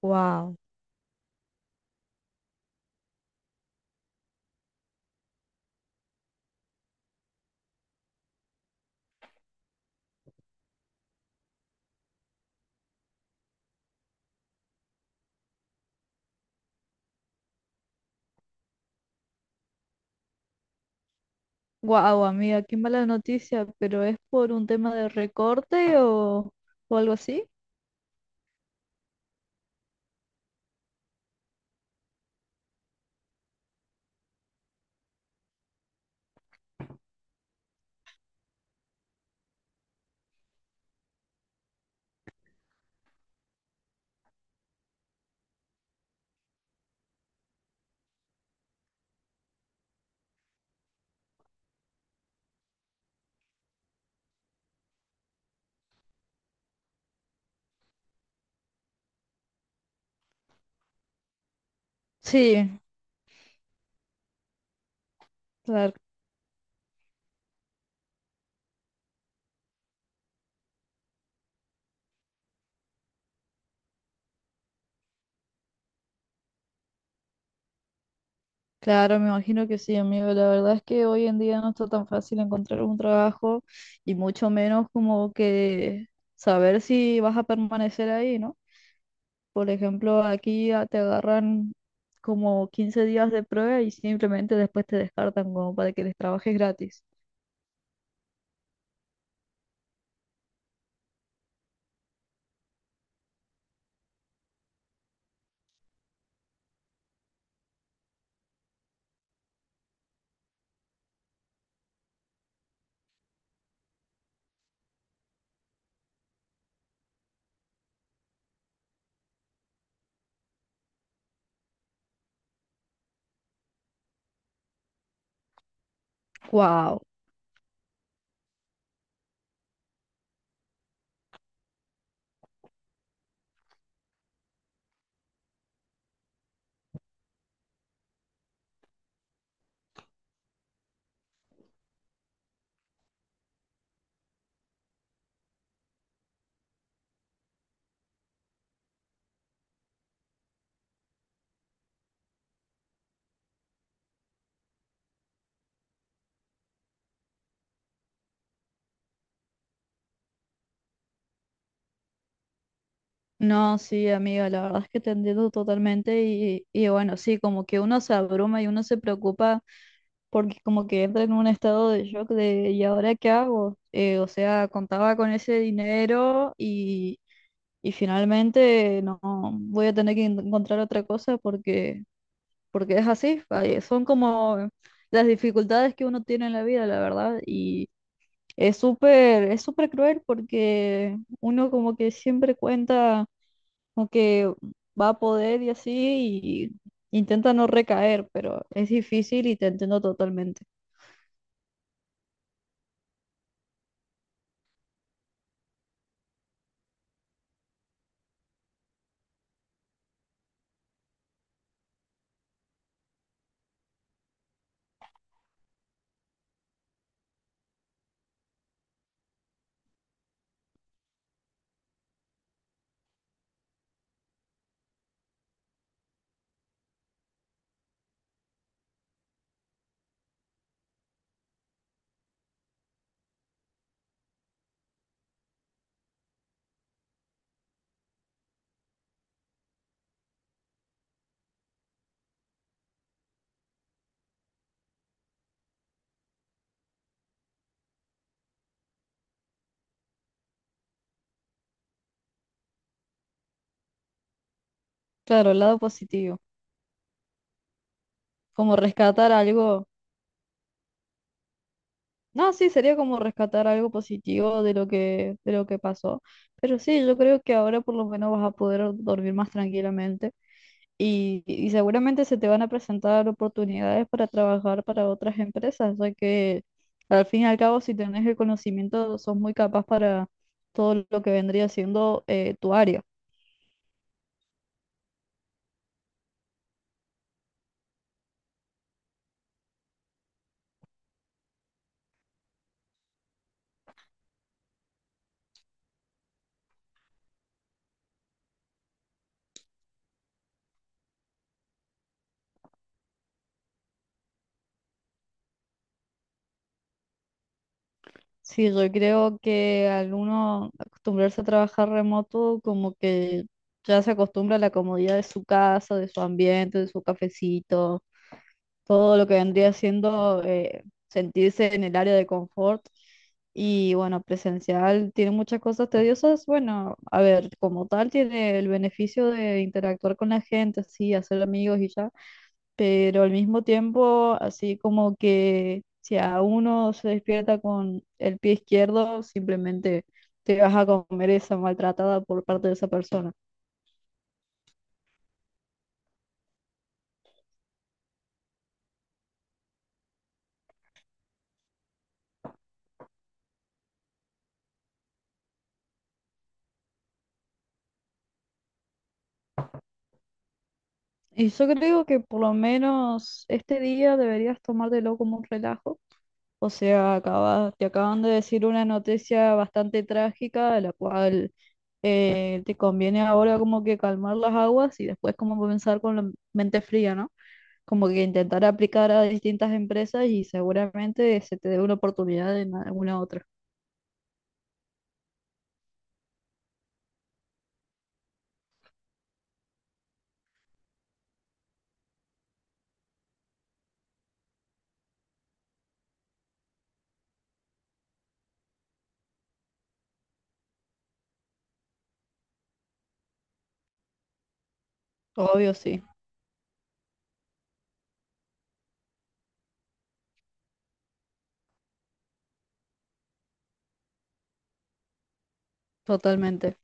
Wow, wow, amiga, qué mala noticia, pero ¿es por un tema de recorte o algo así? Sí, claro, claro, me imagino que sí, amigo. La verdad es que hoy en día no está tan fácil encontrar un trabajo y mucho menos como que saber si vas a permanecer ahí, ¿no? Por ejemplo, aquí te agarran como 15 días de prueba y simplemente después te descartan como para que les trabajes gratis. Wow. No, sí, amiga, la verdad es que te entiendo totalmente y bueno, sí, como que uno se abruma y uno se preocupa porque como que entra en un estado de shock de ¿y ahora qué hago? O sea, contaba con ese dinero y finalmente no voy a tener que encontrar otra cosa porque es así, ay, son como las dificultades que uno tiene en la vida, la verdad, y es súper cruel porque uno como que siempre cuenta como que va a poder y así, y intenta no recaer, pero es difícil y te entiendo totalmente. Claro, el lado positivo, como rescatar algo, no, sí, sería como rescatar algo positivo de lo que pasó, pero sí, yo creo que ahora por lo menos vas a poder dormir más tranquilamente. Y seguramente se te van a presentar oportunidades para trabajar para otras empresas, ya que al fin y al cabo, si tenés el conocimiento, sos muy capaz para todo lo que vendría siendo tu área. Sí, yo creo que al uno acostumbrarse a trabajar remoto, como que ya se acostumbra a la comodidad de su casa, de su ambiente, de su cafecito, todo lo que vendría siendo sentirse en el área de confort. Y bueno, presencial tiene muchas cosas tediosas. Bueno, a ver, como tal tiene el beneficio de interactuar con la gente, sí, hacer amigos y ya, pero al mismo tiempo, así como que si a uno se despierta con el pie izquierdo, simplemente te vas a comer esa maltratada por parte de esa persona. Y yo creo que por lo menos este día deberías tomártelo como un relajo. O sea, te acaban de decir una noticia bastante trágica, de la cual te conviene ahora como que calmar las aguas y después como comenzar con la mente fría, ¿no? Como que intentar aplicar a distintas empresas y seguramente se te dé una oportunidad en alguna otra. Obvio, sí, totalmente.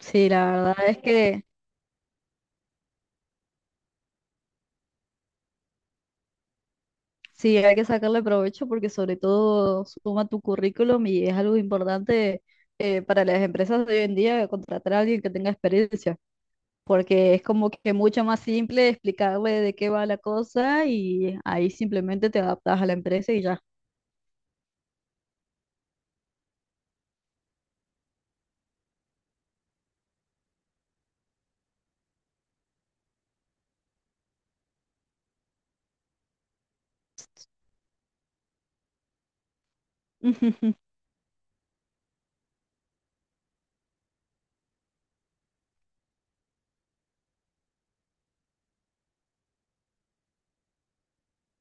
Sí, la verdad es que sí, hay que sacarle provecho porque sobre todo suma tu currículum y es algo importante para las empresas de hoy en día contratar a alguien que tenga experiencia. Porque es como que mucho más simple explicarle de qué va la cosa y ahí simplemente te adaptas a la empresa y ya.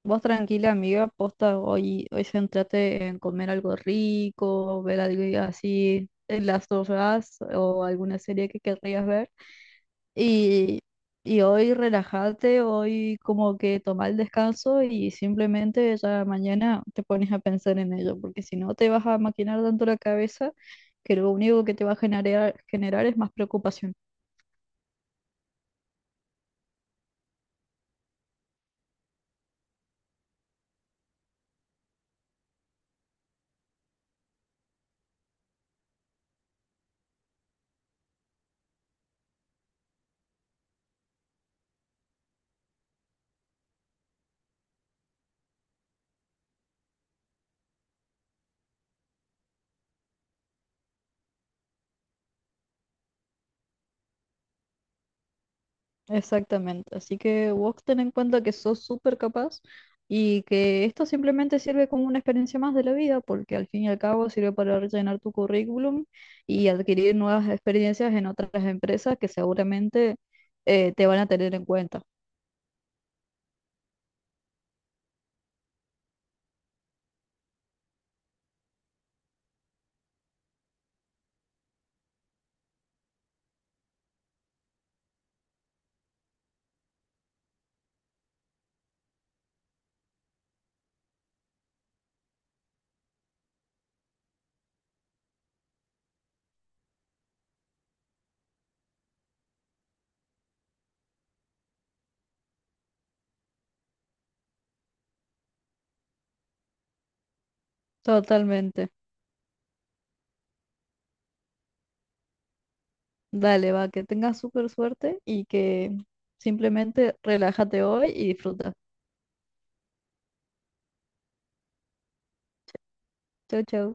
Vos tranquila, amiga, posta, hoy, hoy centrate en comer algo rico, ver algo así en las horas o alguna serie que querrías ver. Y, y hoy relájate, hoy como que toma el descanso y simplemente ya mañana te pones a pensar en ello, porque si no te vas a maquinar tanto la cabeza que lo único que te va a generar, generar es más preocupación. Exactamente, así que vos ten en cuenta que sos súper capaz y que esto simplemente sirve como una experiencia más de la vida, porque al fin y al cabo sirve para rellenar tu currículum y adquirir nuevas experiencias en otras empresas que seguramente te van a tener en cuenta. Totalmente. Dale, va, que tengas súper suerte y que simplemente relájate hoy y disfruta. Chau, chau.